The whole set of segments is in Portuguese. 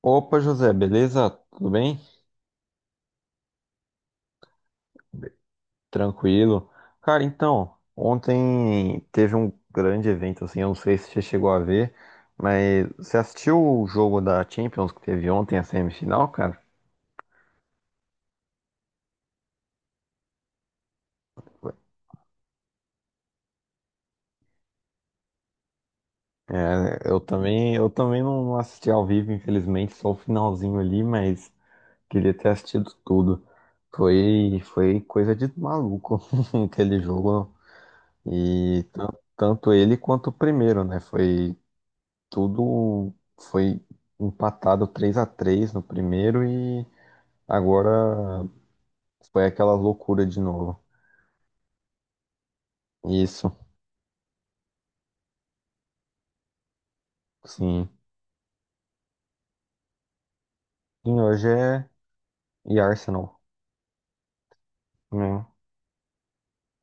Opa, José, beleza? Tudo bem? Tranquilo? Cara, então, ontem teve um grande evento, assim, eu não sei se você chegou a ver, mas você assistiu o jogo da Champions que teve ontem, a semifinal, cara? É, eu também não assisti ao vivo, infelizmente, só o finalzinho ali, mas queria ter assistido tudo. Foi coisa de maluco aquele jogo. E tan- Tanto ele quanto o primeiro, né? Tudo foi empatado 3 a 3 no primeiro e agora foi aquela loucura de novo. Isso, sim. E hoje é e Arsenal, né?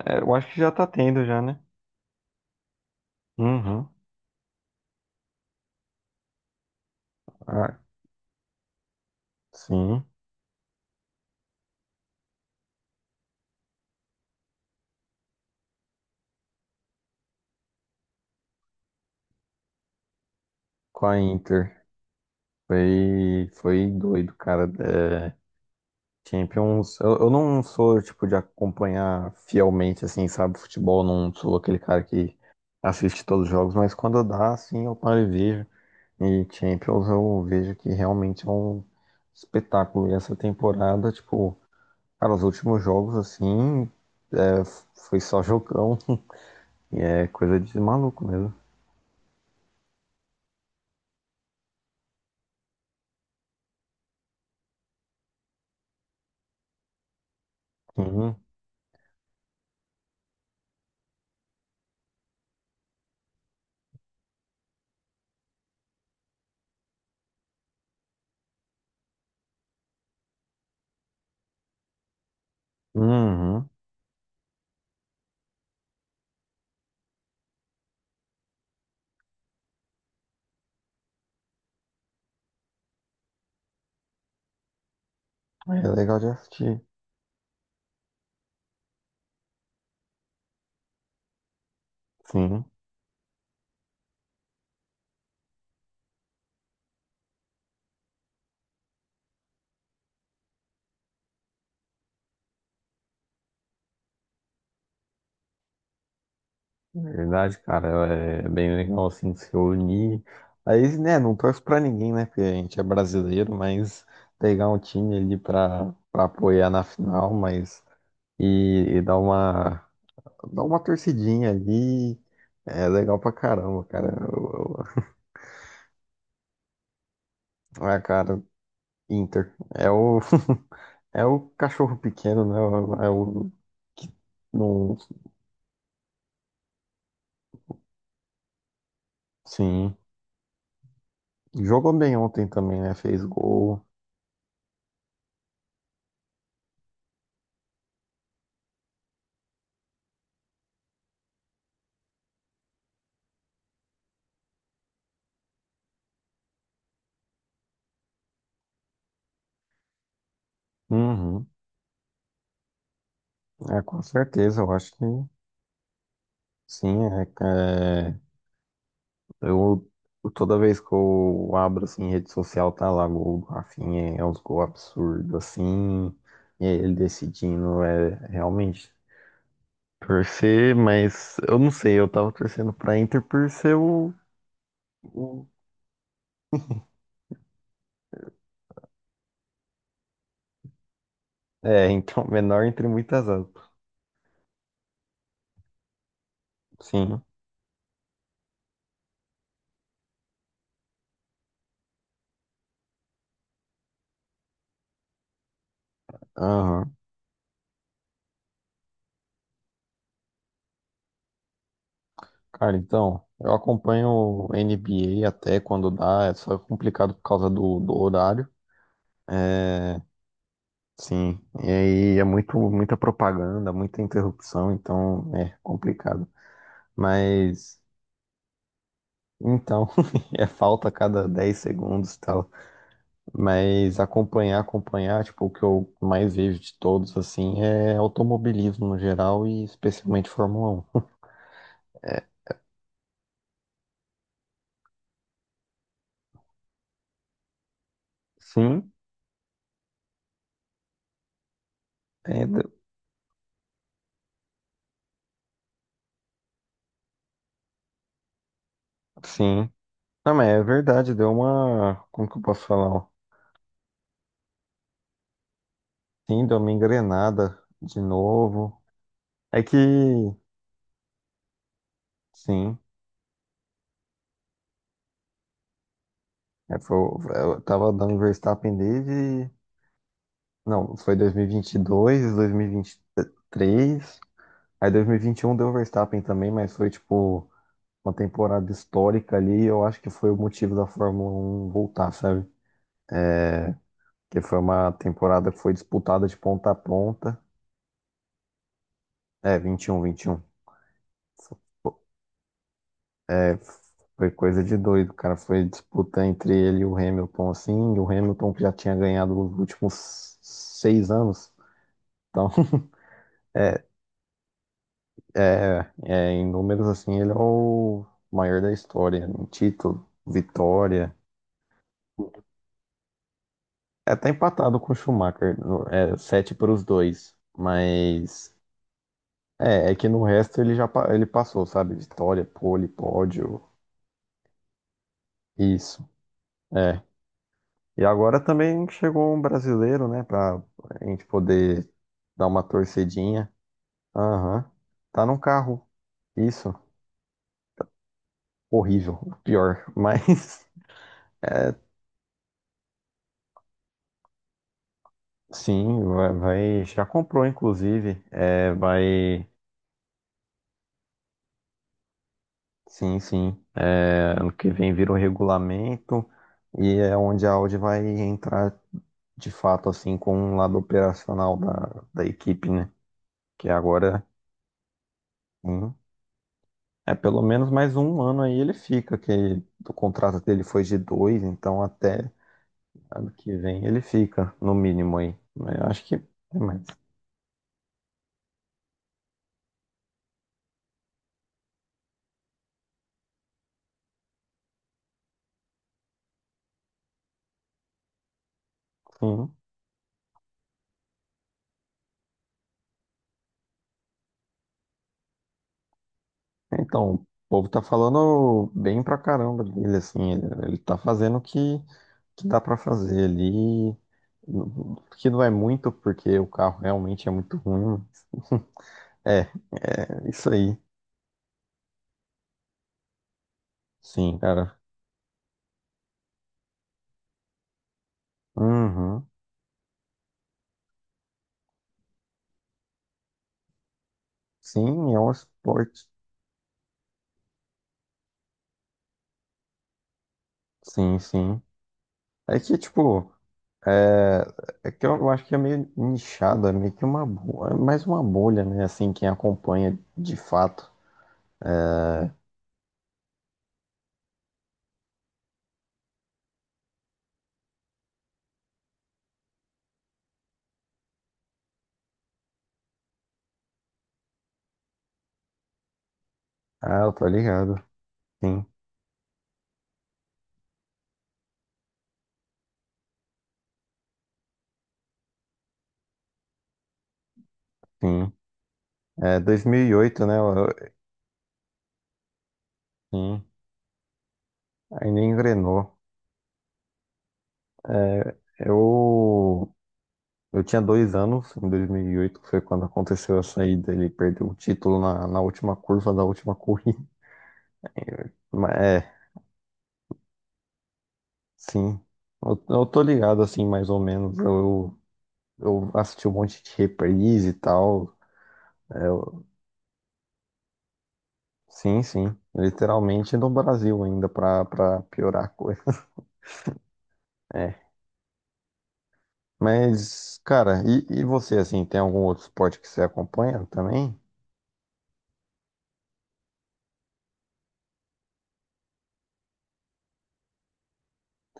É, eu acho que já tá tendo já, né? Uhum. Ah, sim, com a Inter. Foi doido, cara. É, Champions, eu não sou, tipo, de acompanhar fielmente, assim, sabe, futebol, não sou aquele cara que assiste todos os jogos, mas quando dá, assim, eu paro e vejo. E Champions eu vejo que realmente é um espetáculo. E essa temporada, tipo, cara, os últimos jogos, assim, é, foi só jogão. E é coisa de maluco mesmo. Sim. Uhum. É legal de assistir. Sim. Na verdade, cara, é bem legal assim se reunir. Aí, né, não torço pra ninguém, né? Porque a gente é brasileiro, mas pegar um time ali pra apoiar na final, mas e, e dar uma torcidinha ali é legal pra caramba, cara. Ah, cara, Inter. É o, é o cachorro pequeno, né? É o é o que não. Sim. Jogou bem ontem também, né? Fez gol. Uhum. É, com certeza, eu acho que. Sim, eu toda vez que eu abro assim rede social tá lá gol do Rafinha, é uns gols absurdos assim, e ele decidindo é realmente torcer, mas eu não sei, eu tava torcendo pra Inter por ser o, o- é, então menor entre muitas aspas. Sim. Aham. Cara, então, eu acompanho o NBA até quando dá, é só complicado por causa do horário. É, sim, e aí é muito, muita propaganda, muita interrupção, então é complicado. Mas então, é falta a cada 10 segundos e tal. Mas acompanhar, tipo, o que eu mais vejo de todos, assim, é automobilismo no geral e especialmente Fórmula 1. Sim, é, de- sim. Não, mas é verdade, deu uma. Como que eu posso falar? Sim, deu uma engrenada de novo. É que, sim. É, foi, eu tava dando Verstappen desde. Não, foi 2022, 2023. Aí 2021 deu Verstappen também, mas foi tipo uma temporada histórica ali. Eu acho que foi o motivo da Fórmula um voltar, sabe? Que foi uma temporada que foi disputada de ponta a ponta. É, 21, 21. É, foi coisa de doido, cara. Foi disputa entre ele e o Hamilton, assim. E o Hamilton que já tinha ganhado os últimos 6 anos. Então, é, é, em números, assim, ele é o maior da história, em título, vitória. É até empatado com o Schumacher, é, 7 para os dois, mas é, é que no resto ele já ele passou, sabe? Vitória, pole, pódio, isso, é. E agora também chegou um brasileiro, né, pra a gente poder dar uma torcedinha. Aham, tá num carro, isso, horrível, pior, mas sim, já comprou, inclusive. É, vai, sim, sim. É, ano que vem vira o regulamento e é onde a Audi vai entrar de fato, assim, com o lado operacional da equipe, né? Que agora, sim, é pelo menos mais um ano aí ele fica, que o contrato dele foi de dois, então até ano que vem ele fica, no mínimo aí. Mas eu acho que é mais, sim. Então, o povo tá falando bem pra caramba dele, assim, ele tá fazendo o que, que dá pra fazer ali, que não é muito, porque o carro realmente é muito ruim. É, é isso aí, sim, cara. Uhum. Sim, é um esporte, sim, sim. É que, tipo, é, é que eu acho que é meio nichado, é meio que uma, é mais uma bolha, né, assim, quem acompanha de fato. Ah, eu tô ligado, sim, sim. É, 2008, né? Sim, ainda engrenou. É, eu tinha 2 anos em 2008, que foi quando aconteceu a saída. Ele perdeu o título na última curva da última corrida. Mas, é, sim. Eu tô ligado, assim, mais ou menos. Eu assisti um monte de reprise e tal. É, eu- sim, sim. Literalmente no Brasil ainda, pra piorar a coisa. É. Mas, cara, e você, assim, tem algum outro esporte que você acompanha também?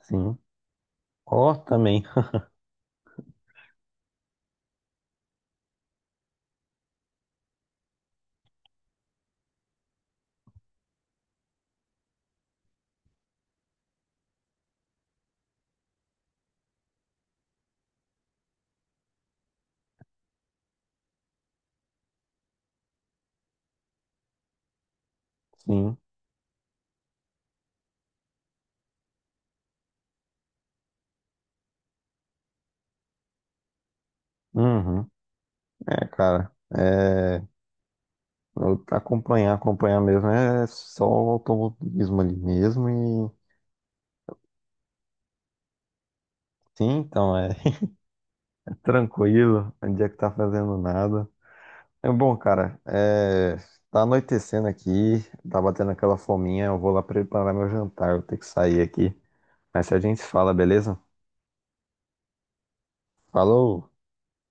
Sim. Ó, também. Sim. Uhum. É, cara. Acompanhar, acompanhar mesmo é só o automobilismo ali mesmo e. Sim, então é tranquilo, não dia que tá fazendo nada. É bom, cara. É, tá anoitecendo aqui, tá batendo aquela fominha. Eu vou lá preparar meu jantar, eu vou ter que sair aqui. Mas se a gente se fala, beleza? Falou!